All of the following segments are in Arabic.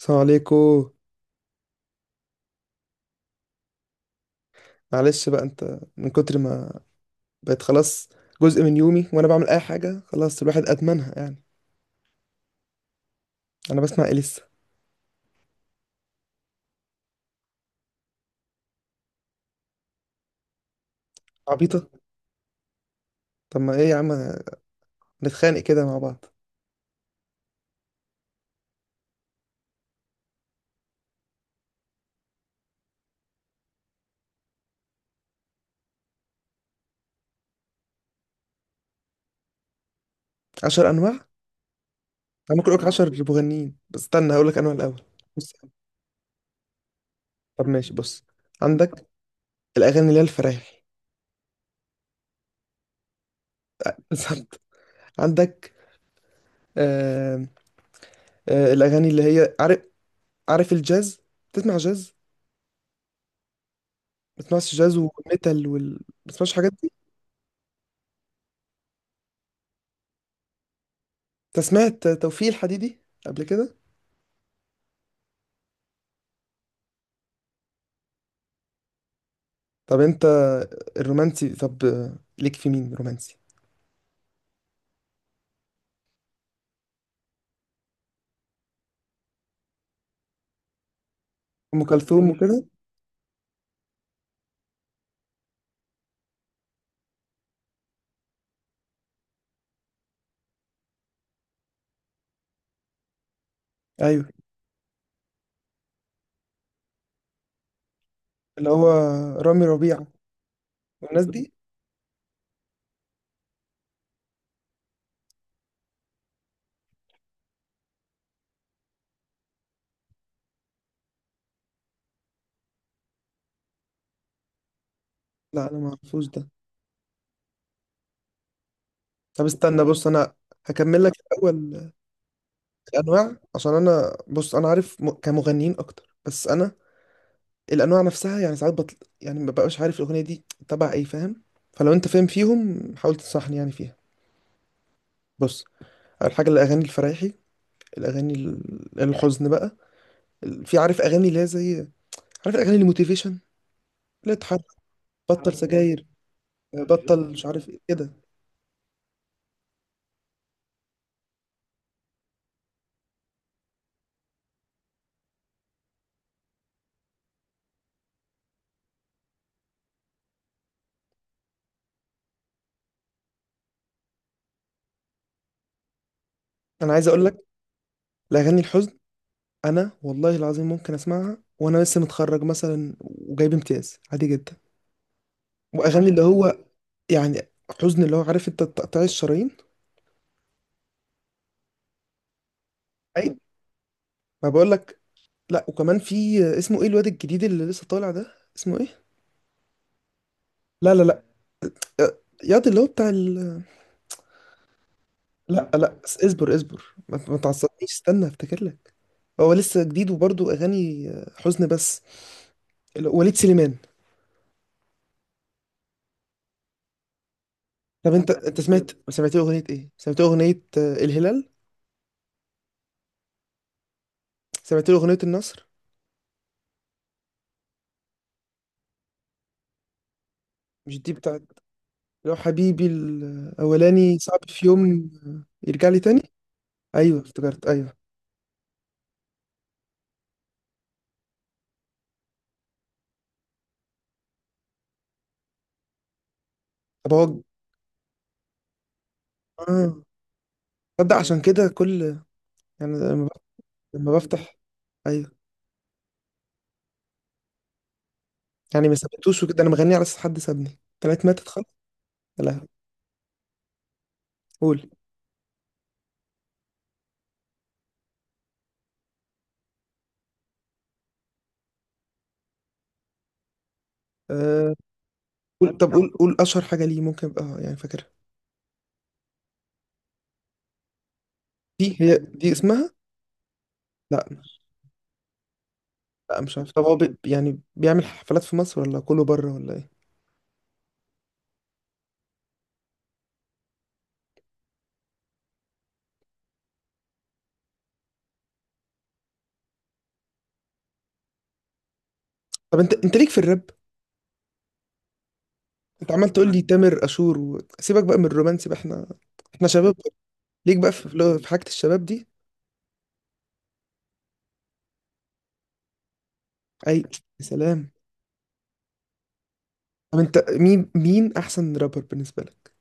السلام عليكم. معلش بقى، انت من كتر ما بقت خلاص جزء من يومي وانا بعمل اي حاجه، خلاص الواحد ادمنها يعني. انا بسمع ايه لسه؟ عبيطه؟ طب ما ايه يا عم، نتخانق كده مع بعض؟ 10 انواع انا؟ ممكن اقولك 10 مغنيين، بس استنى هقولك انواع الاول. بص، طب ماشي، بص، عندك الاغاني اللي هي الفرايحي. بالظبط. عندك، آه الاغاني اللي هي عارف الجاز. تسمع جاز؟ ما تسمعش جاز والميتال ما تسمعش الحاجات دي؟ انت سمعت توفيق الحديدي قبل كده؟ طب انت الرومانسي، طب ليك في مين رومانسي؟ ام كلثوم وكده؟ ايوه، اللي هو رامي ربيعه والناس دي. لا انا ما اعرفوش ده. طب استنى، بص، انا هكمل لك الاول الانواع، عشان انا بص، انا عارف كمغنيين اكتر، بس انا الانواع نفسها يعني، ساعات بطل يعني ما ببقاش عارف الاغنيه دي تبع ايه، فاهم؟ فلو انت فاهم فيهم حاول تنصحني يعني فيها. بص، اول حاجه الاغاني الفرايحي. الاغاني الحزن بقى. في عارف اغاني اللي هي زي، عارف الاغاني الموتيفيشن، اللي تحرك. بطل الحمد لله سجاير. بطل مش عارف ايه كده. انا عايز اقول لك الاغاني الحزن، انا والله العظيم ممكن اسمعها وانا لسه متخرج مثلا وجايب امتياز عادي جدا. واغاني اللي هو يعني حزن، اللي هو عارف انت تقطيع الشرايين. اي، ما بقول لك. لا وكمان في، اسمه ايه الواد الجديد اللي لسه طالع ده؟ اسمه ايه؟ لا، لا، لا، ياض اللي هو بتاع لا، لا، اصبر اصبر، ما تعصبنيش، استنى افتكر لك. هو لسه جديد وبرضه اغاني حزن بس. وليد سليمان. طب انت سمعت له اغنيه ايه؟ سمعت له اغنيه الهلال؟ سمعت له اغنيه النصر؟ مش دي بتاعت؟ لو حبيبي الاولاني صعب في يوم يرجع لي تاني. ايوه افتكرت، ايوه. طب هو اه تصدق؟ عشان كده كل، يعني لما بفتح، ايوه. يعني ما سابتوش وكده، انا مغني على اساس حد سابني، طلعت ماتت خالص. لا، قول. آه قول، طب قول، قول اشهر حاجه ليه ممكن ابقى يعني فاكرها. دي هي؟ دي اسمها؟ لا، لا، مش عارف. طب هو يعني بيعمل حفلات في مصر ولا كله بره ولا ايه؟ طب انت ليك في الراب؟ انت عمال تقول لي تامر عاشور سيبك بقى من الرومانسي، بقى احنا شباب. ليك بقى في في حاجة الشباب دي؟ اي، يا سلام. طب انت مين احسن رابر بالنسبة لك؟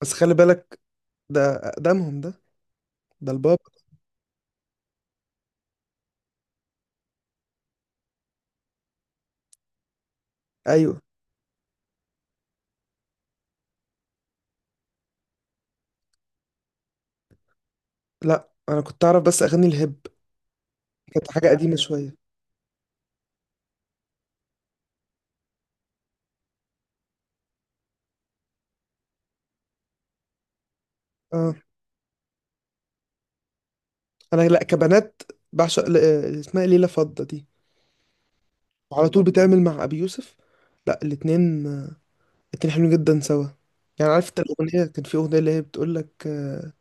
بس خلي بالك، ده اقدمهم، ده البابا. ايوه. لا انا كنت اعرف بس اغاني الهيب، كانت حاجة قديمة شوية. اه، انا لا، كبنات بعشق اسمها إيه؟ ليلى فضة دي، وعلى طول بتعمل مع ابي يوسف. لا، الاتنين حلوين جدا سوا. يعني عارف انت، الاغنية كان في اغنية اللي هي بتقول لك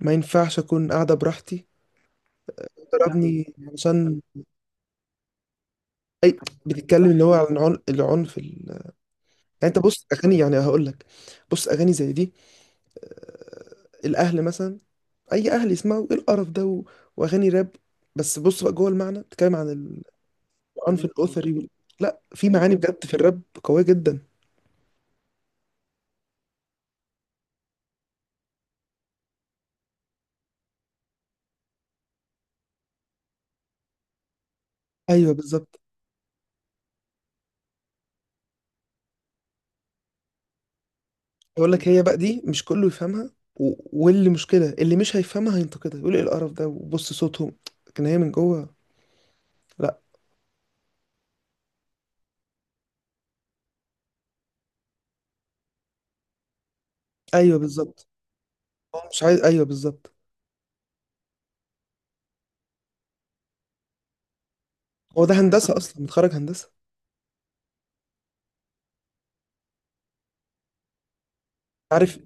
ما ينفعش اكون قاعده براحتي. لا، ضربني عشان. اي، بتتكلم اللي هو عن العنف يعني. انت بص، اغاني يعني هقول لك، بص اغاني زي دي، آه، الاهل مثلا. اي اهل يسمعوا ايه القرف ده واغاني راب؟ بس بص بقى جوه المعنى بتتكلم عن العنف الاسري لا، في معاني بجد في الراب قويه جدا. ايوه بالظبط، بقول لك هي بقى دي مش كله يفهمها واللي مشكله اللي مش هيفهمها هينتقدها، يقول ايه القرف ده وبص صوتهم. لكن هي من جوه. لا. ايوه بالظبط. هو مش عايز. ايوه بالظبط. هو ده هندسه اصلا، متخرج هندسه. عارف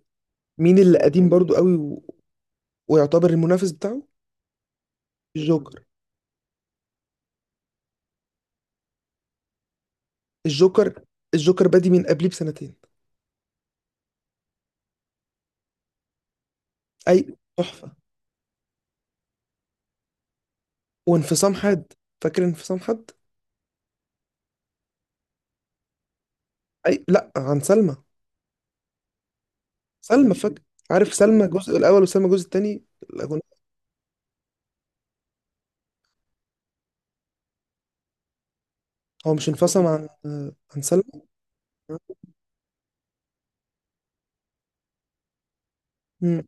مين اللي قديم برضو قوي ويعتبر المنافس بتاعه؟ الجوكر. الجوكر الجوكر بادي من قبليه بسنتين. اي تحفه. وانفصام حاد، فاكر انفصام حاد؟ اي، لا، عن سلمى. سلمى فاكر. عارف سلمى الجزء الاول وسلمى الجزء الثاني؟ هو مش انفصم عن عن سلمى؟ امم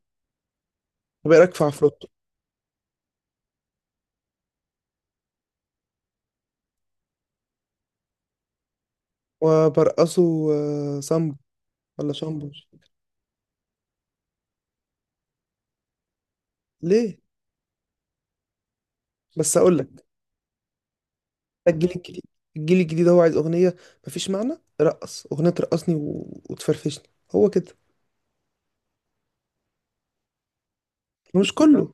طب ايه رايك في عفروتو؟ وبرقصه سامبو ولا شامبو؟ ليه؟ بس اقول لك، الجيل الجديد الجيل الجديد هو عايز أغنية، مفيش معنى رقص، أغنية ترقصني وتفرفشني، هو كده. مش كله.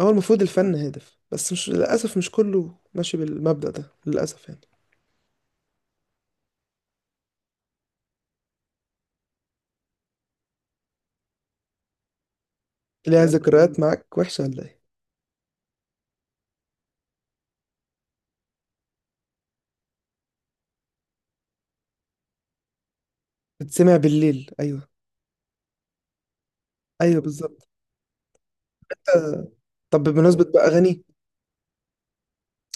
هو المفروض الفن هادف، بس مش للأسف مش كله ماشي بالمبدأ ده للأسف يعني. ليها ذكريات معاك وحشة ولا إيه؟ بتسمع بالليل؟ أيوه. أيوه بالظبط. آه، طب بمناسبة بقى أغاني،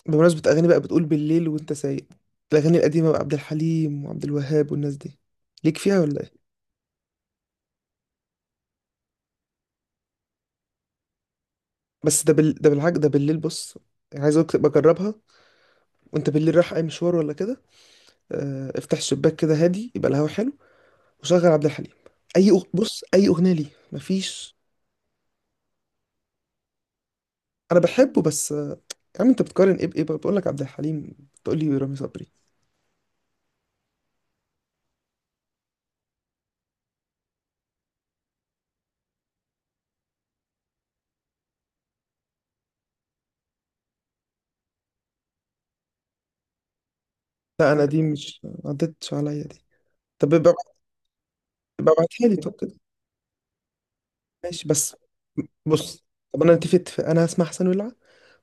بمناسبة أغاني بقى، بتقول بالليل وأنت سايق، الأغاني القديمة بقى عبد الحليم وعبد الوهاب والناس دي، ليك فيها ولا إيه؟ بس ده بالحاجة، ده بالليل، بص، يعني عايز أقولك تبقى جربها، وأنت بالليل رايح أي مشوار ولا كده، افتح الشباك كده هادي، يبقى الهوا حلو، وشغل عبد الحليم. اي بص، اي اغنيه ليه؟ مفيش. انا بحبه بس. يا عم انت بتقارن ايه بايه؟ بقول لك عبد الحليم، بتقول لي رامي صبري؟ لا، انا دي مش ما عدتش عليا دي. طب ابقى ابعتها لي، طب كده ماشي، بس بص. طب انا نتفق اتفاق. انا هسمع حسن ولعه،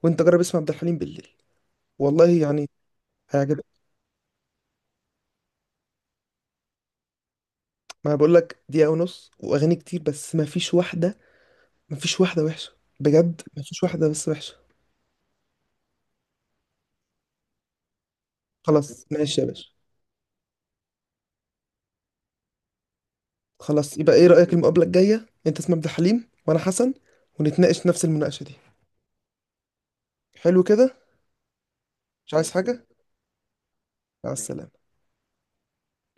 وانت جرب اسمع عبد الحليم بالليل. والله يعني هيعجبك. ما بقول لك، دقيقه ونص واغاني كتير، بس ما فيش واحده. ما فيش واحده وحشه بجد، ما فيش واحده بس وحشه. خلاص، ماشي يا باشا. خلاص، يبقى ايه رأيك؟ المقابلة الجاية انت اسمك عبد الحليم وانا حسن، ونتناقش نفس المناقشة دي. حلو كده. مش عايز حاجة. مع السلامة.